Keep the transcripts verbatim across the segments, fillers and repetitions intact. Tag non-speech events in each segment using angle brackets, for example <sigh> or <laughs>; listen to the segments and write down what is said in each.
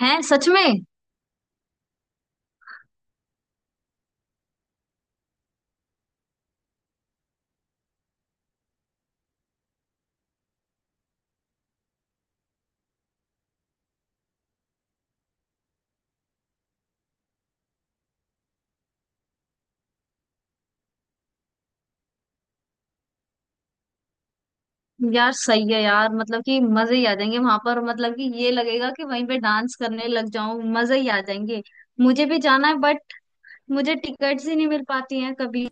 हैं, सच में? यार सही है यार, मतलब कि मजे ही आ जाएंगे वहां पर। मतलब कि ये लगेगा कि वहीं पे डांस करने लग जाऊं। मजे ही आ जाएंगे। मुझे भी जाना है बट मुझे टिकट्स ही नहीं मिल पाती हैं कभी।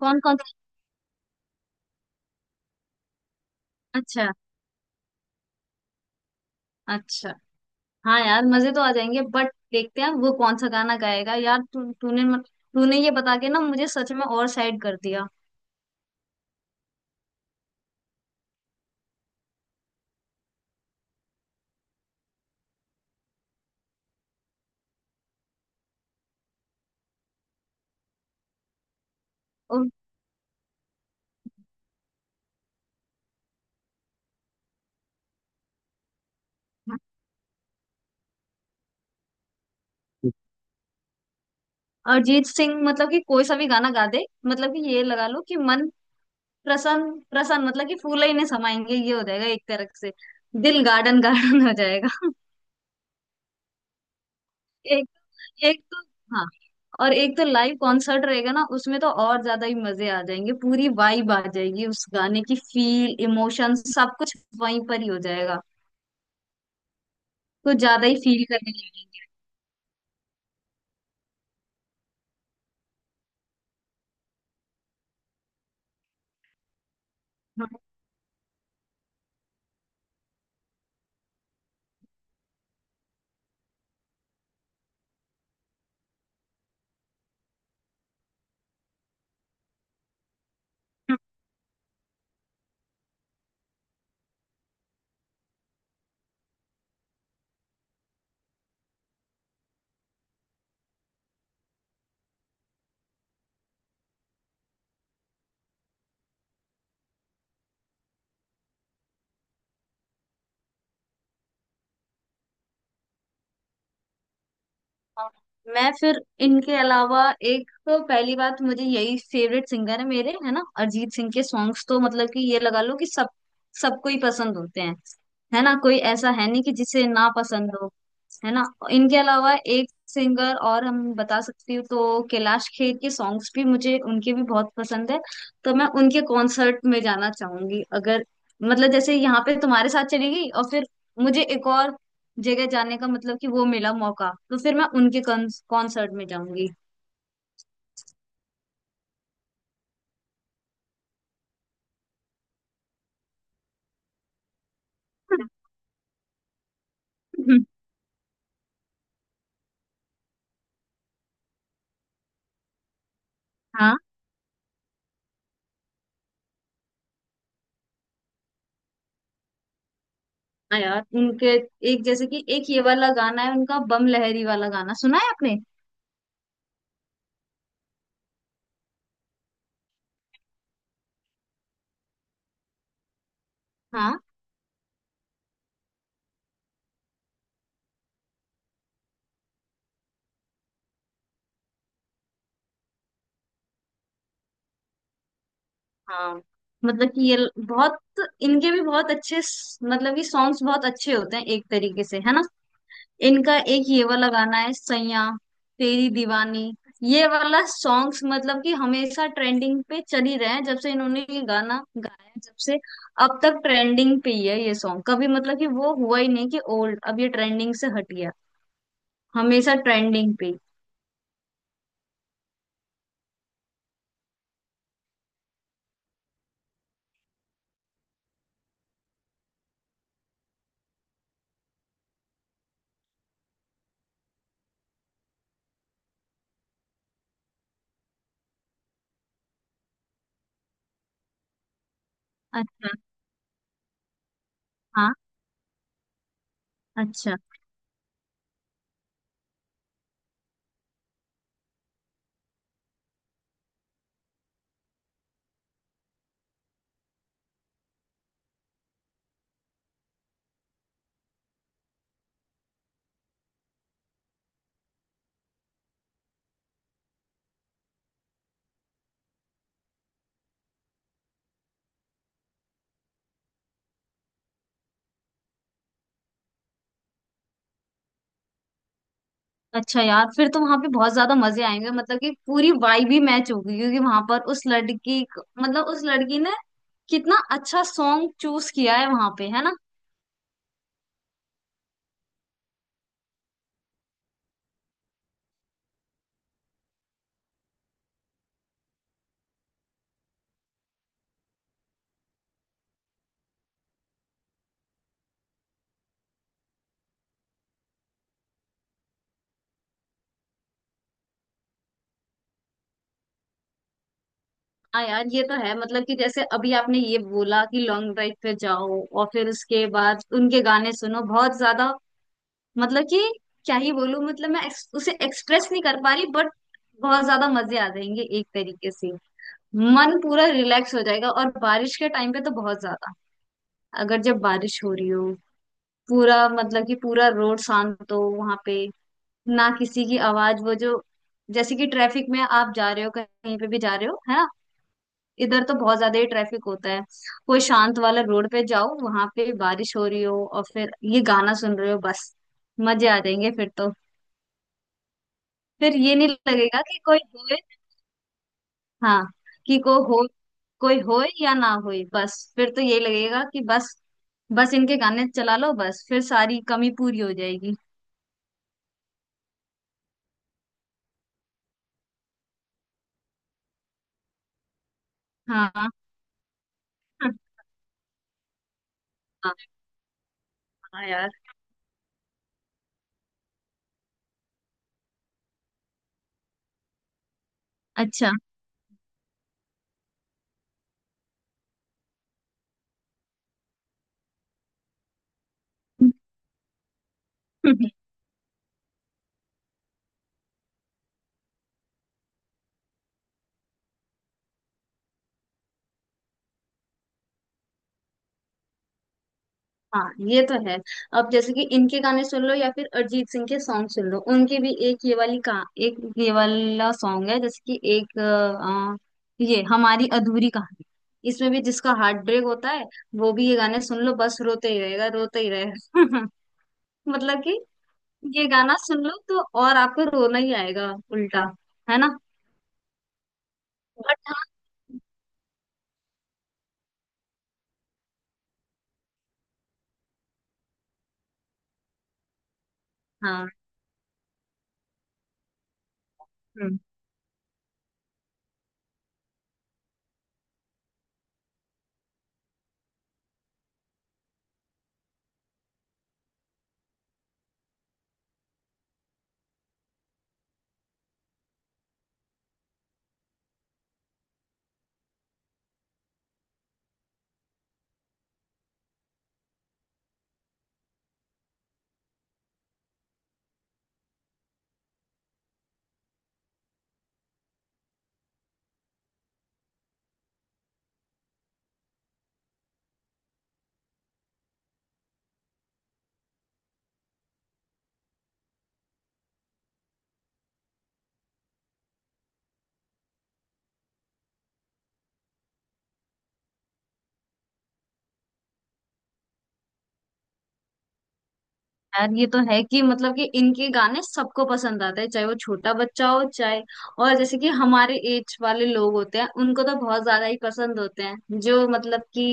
कौन कौन सा? अच्छा। अच्छा। हाँ यार, मजे तो आ जाएंगे बट देखते हैं वो कौन सा गाना गाएगा। यार तू तूने मत- तूने ये बता के ना मुझे सच में और साइड कर दिया। और अरिजीत सिंह मतलब कि कोई सा भी गाना गा दे। मतलब कि ये लगा लो कि मन प्रसन्न प्रसन्न, मतलब कि फूल ही नहीं समाएंगे, ये हो जाएगा एक तरह से। दिल गार्डन गार्डन हो जाएगा। <laughs> एक एक तो हाँ, और एक तो लाइव कॉन्सर्ट रहेगा ना, उसमें तो और ज्यादा ही मजे आ जाएंगे। पूरी वाइब आ जाएगी उस गाने की, फील, इमोशन सब कुछ वहीं पर ही हो जाएगा। कुछ ज्यादा ही फील करने लगेंगे। <laughs> हाँ। मैं फिर इनके अलावा, एक तो पहली बात मुझे यही फेवरेट सिंगर है मेरे, है ना। अरिजीत सिंह के सॉन्ग्स तो मतलब कि ये लगा लो कि सब सबको ही पसंद होते हैं, है ना। कोई ऐसा है नहीं कि जिसे ना पसंद हो, है ना। इनके अलावा एक सिंगर और हम बता सकती हूँ तो कैलाश खेर के सॉन्ग्स भी, मुझे उनके भी बहुत पसंद है। तो मैं उनके कॉन्सर्ट में जाना चाहूंगी अगर, मतलब जैसे यहाँ पे तुम्हारे साथ चली गई और फिर मुझे एक और जगह जाने का, मतलब कि वो मिला मौका, तो फिर मैं उनके कॉन्सर्ट में जाऊंगी। <laughs> हाँ। हाँ यार, उनके एक, जैसे कि एक ये वाला गाना है उनका, बम लहरी वाला गाना सुना है आपने? हाँ हाँ। मतलब कि ये ल- बहुत, इनके भी बहुत अच्छे स- मतलब कि सॉन्ग्स बहुत अच्छे होते हैं एक तरीके से, है ना। इनका एक ये वाला गाना है, सैया तेरी दीवानी, ये वाला सॉन्ग्स मतलब कि हमेशा ट्रेंडिंग पे चल ही रहे हैं। जब से इन्होंने ये गाना गाया है, जब से अब तक ट्रेंडिंग पे ही है ये सॉन्ग। कभी मतलब कि वो हुआ ही नहीं कि ओल्ड, अब ये ट्रेंडिंग से हट गया। हमेशा ट्रेंडिंग पे ही। अच्छा। हाँ। अच्छा। अच्छा यार, फिर तो वहां पे बहुत ज्यादा मजे आएंगे, मतलब कि पूरी वाइब ही मैच होगी। क्योंकि वहां पर उस लड़की क- मतलब उस लड़की ने कितना अच्छा सॉन्ग चूज किया है वहां पे, है ना। हाँ यार, ये तो है। मतलब कि जैसे अभी आपने ये बोला कि लॉन्ग ड्राइव पे जाओ और फिर उसके बाद उनके गाने सुनो, बहुत ज्यादा, मतलब कि क्या ही बोलूं। मतलब मैं एक्स, उसे एक्सप्रेस नहीं कर पा रही, बट बहुत ज्यादा मजे आ जाएंगे एक तरीके से। मन पूरा रिलैक्स हो जाएगा। और बारिश के टाइम पे तो बहुत ज्यादा, अगर जब बारिश हो रही हो, पूरा मतलब कि पूरा रोड शांत हो वहां पे, ना किसी की आवाज, वो जो जैसे कि ट्रैफिक में आप जा रहे हो, कहीं पे भी जा रहे हो, है ना। इधर तो बहुत ज्यादा ही ट्रैफिक होता है। कोई शांत वाला रोड पे जाओ, वहां पे बारिश हो रही हो और फिर ये गाना सुन रहे हो, बस मजे आ जाएंगे फिर तो। फिर ये नहीं लगेगा कि कोई होए। हाँ। कि को हो, कोई होए या ना होए, बस फिर तो ये लगेगा कि बस, बस इनके गाने चला लो, बस फिर सारी कमी पूरी हो जाएगी। हाँ। हाँ। हाँ यार। अच्छा। <laughs> हाँ ये तो है। अब जैसे कि इनके गाने सुन लो या फिर अरिजीत सिंह के सॉन्ग सुन लो, उनके भी एक ये वाली का, एक ये वाला सॉन्ग है जैसे कि एक अ, ये हमारी अधूरी कहानी, इसमें भी जिसका हार्ट ब्रेक होता है वो भी ये गाने सुन लो, बस रोते ही रहेगा, रोते ही रहेगा। <laughs> मतलब कि ये गाना सुन लो तो और आपको रोना ही आएगा उल्टा, है ना। बट हाँ। हाँ यार, ये तो है कि मतलब कि इनके गाने सबको पसंद आते हैं, चाहे वो छोटा बच्चा हो, चाहे, और जैसे कि हमारे एज वाले लोग होते हैं उनको तो बहुत ज्यादा ही पसंद होते हैं। जो मतलब कि,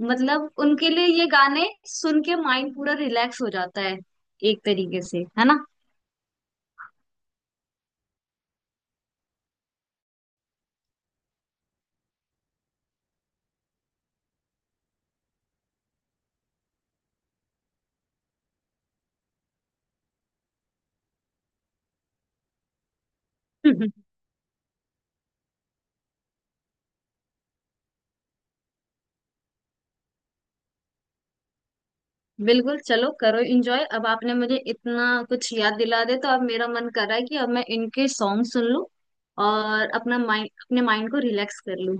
मतलब उनके लिए ये गाने सुन के माइंड पूरा रिलैक्स हो जाता है एक तरीके से, है ना। <laughs> बिल्कुल, चलो करो एंजॉय। अब आपने मुझे इतना कुछ याद दिला दे तो अब मेरा मन कर रहा है कि अब मैं इनके सॉन्ग सुन लूं और अपना माइंड अपने माइंड को रिलैक्स कर लूं।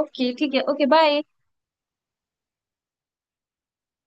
ओके ठीक है, ओके बाय।